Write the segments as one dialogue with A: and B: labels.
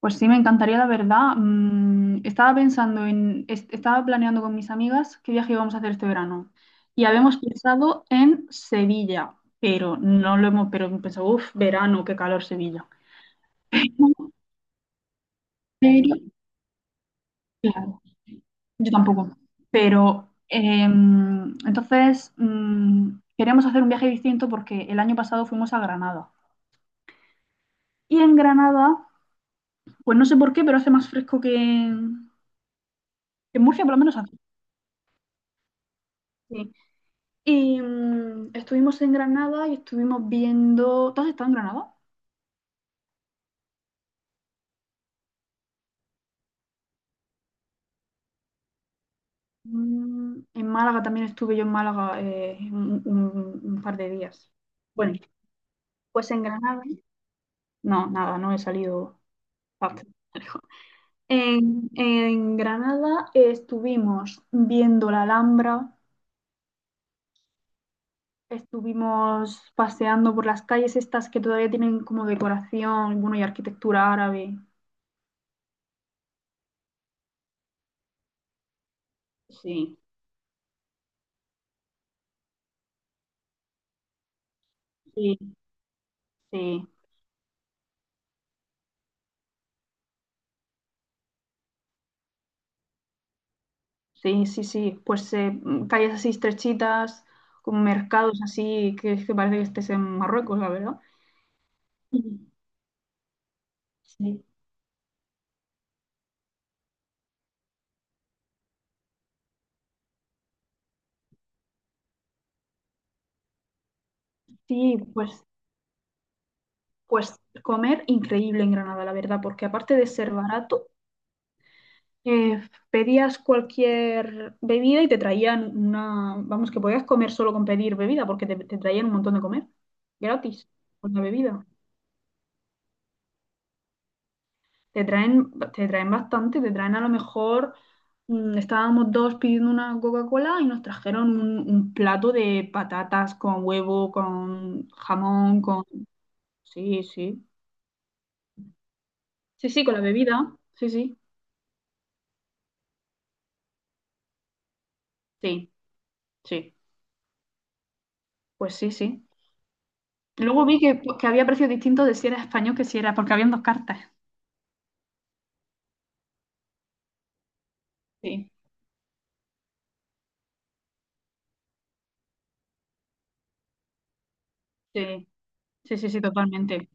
A: Pues sí, me encantaría, la verdad. Mm, estaba pensando en, estaba planeando con mis amigas qué viaje íbamos a hacer este verano. Y habíamos pensado en Sevilla, pero no lo hemos, pero pensado, uff, verano, qué calor Sevilla. Pero, claro, yo tampoco. Pero entonces queríamos hacer un viaje distinto porque el año pasado fuimos a Granada. Y en Granada, pues no sé por qué, pero hace más fresco que en Murcia, por lo menos hace. Y estuvimos en Granada y estuvimos viendo. ¿Tú has estado en Granada? Mm, en Málaga también estuve yo en Málaga un, un par de días. Bueno, pues en Granada. No, nada, no he salido. Bastante lejos. En Granada estuvimos viendo la Alhambra, estuvimos paseando por las calles estas que todavía tienen como decoración, bueno, y arquitectura árabe. Sí, sí, sí. Sí, sí, sí. Pues calles así estrechitas, con mercados así, que es que parece que estés en Marruecos, la verdad. Y- Sí, sí, pues, pues comer increíble en Granada, la verdad, porque aparte de ser barato, eh, pedías cualquier bebida y te traían una, vamos, que podías comer solo con pedir bebida, porque te traían un montón de comer, gratis, con la bebida. Te traen bastante, te traen a lo mejor, estábamos dos pidiendo una Coca-Cola y nos trajeron un plato de patatas con huevo, con jamón, con... Sí, sí. Sí, sí, con la bebida. Sí, sí. Sí, sí. Pues sí, sí. Luego vi que, pues, que había precios distintos de si era español que si era, porque habían dos cartas. Sí, sí, sí, sí, sí, totalmente.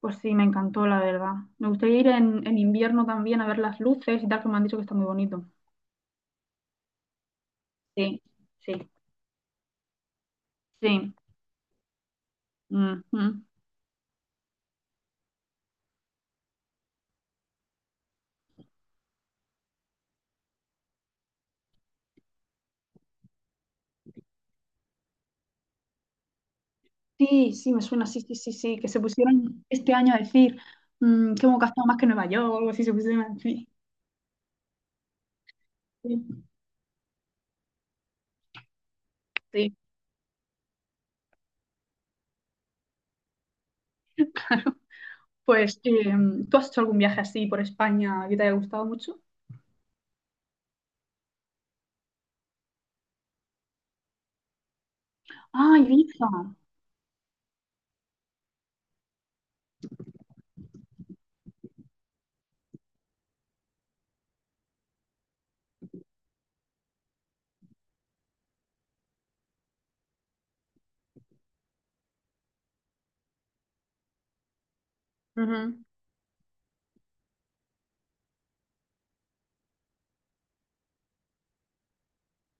A: Pues sí, me encantó, la verdad. Me gustaría ir en invierno también a ver las luces y tal, que me han dicho que está muy bonito. Sí, sí, sí. Ujú. Sí, sí, me suena, sí, sí, sí, sí, que se pusieron este año a decir que hemos gastado más que Nueva York, o algo así se pusieron a decir. Sí, sí. Pues, ¿tú has hecho algún viaje así por España que te haya gustado mucho? Ah, Ibiza. Ujú.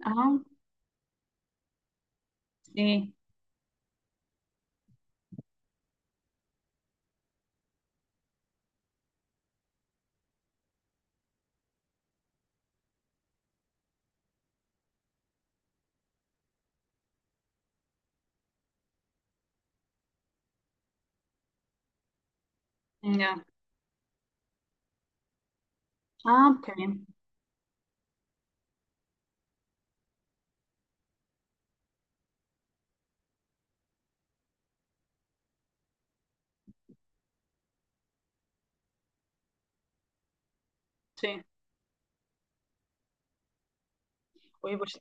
A: Ah, sí, ya. Ah, qué bien, sí. Oye, pues,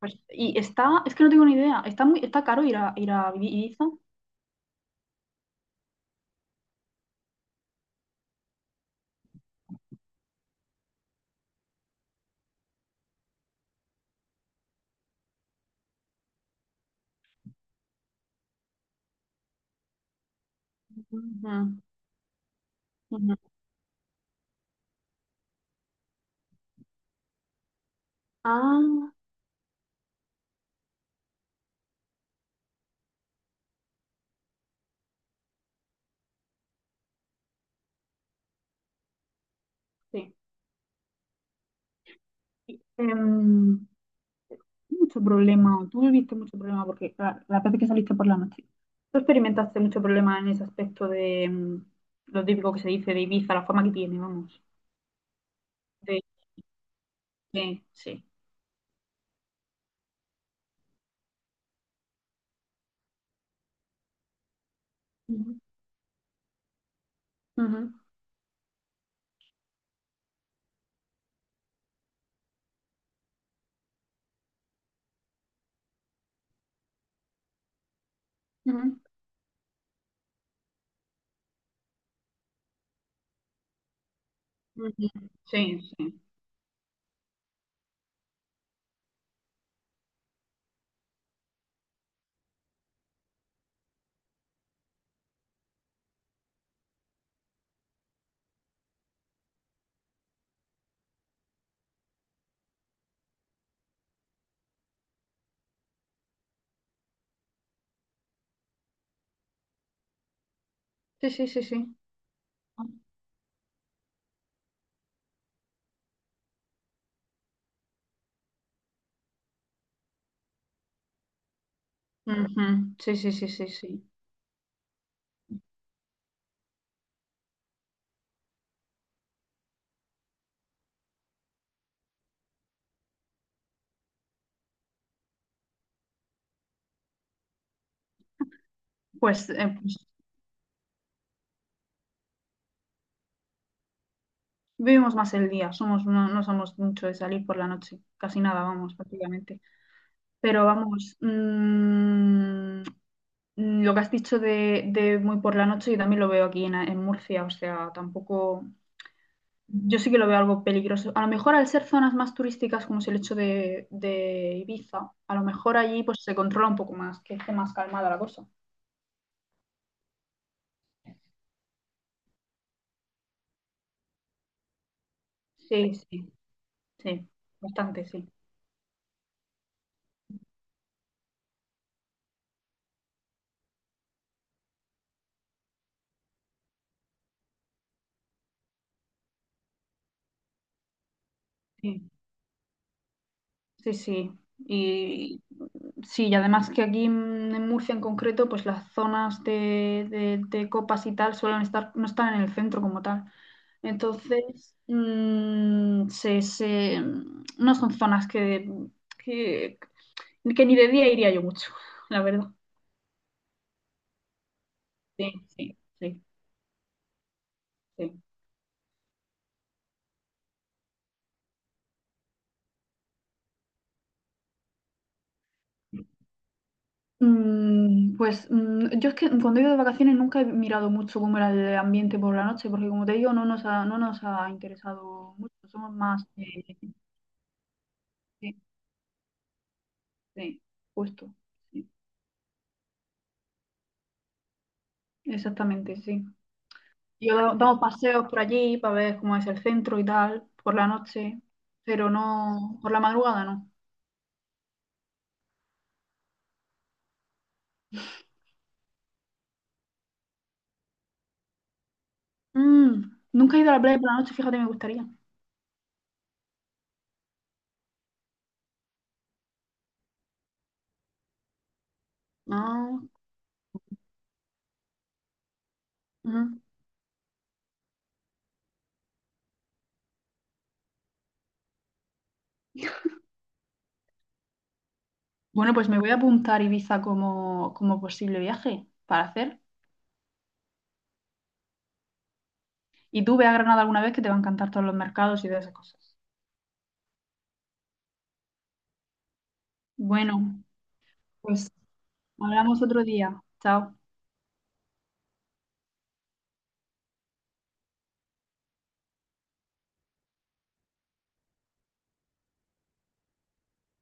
A: y está, es que no tengo ni idea, está muy, está caro ir a, ir a Ibiza. Ujú, ujú. Ah, sí. Em, mucho problema, o tú viviste mucho problema, porque la vez que saliste por la noche, tú experimentaste mucho problema en ese aspecto de lo típico que se dice de Ibiza, la fama que tiene, vamos. De, sí. Ujú, ujú, ujú, ujú. Sí, sí. Sí, sí, sí, sí. Ujú, sí, sí, sí, sí, sí. Pues, pues vivimos más el día, somos, no, no somos mucho de salir por la noche, casi nada, vamos, prácticamente. Pero vamos, lo que has dicho de muy por la noche, yo también lo veo aquí en Murcia, o sea, tampoco, yo sí que lo veo algo peligroso. A lo mejor al ser zonas más turísticas, como es el hecho de Ibiza, a lo mejor allí pues se controla un poco más, que esté más calmada la cosa. Sí, sí, sí, bastante, sí. Sí, sí, sí. Y sí, y además que aquí en Murcia en concreto, pues las zonas de, de copas y tal suelen estar, no están en el centro como tal. Entonces, se, no son zonas que, que ni de día iría yo mucho, la verdad. Sí, sí, sí, sí. Mm, pues yo es que cuando he ido de vacaciones nunca he mirado mucho cómo era el ambiente por la noche, porque como te digo, no nos ha, no nos ha interesado mucho, somos más... sí, sí, justo, sí, exactamente, sí. Yo damos paseos por allí para ver cómo es el centro y tal, por la noche, pero no, por la madrugada no. Mm, nunca he ido a la playa por la noche, fíjate, me gustaría. No, mm. Bueno, pues me voy a apuntar Ibiza como, como posible viaje para hacer. Y tú ve a Granada alguna vez que te va a encantar todos los mercados y todas esas cosas. Bueno, pues hablamos otro día. Chao.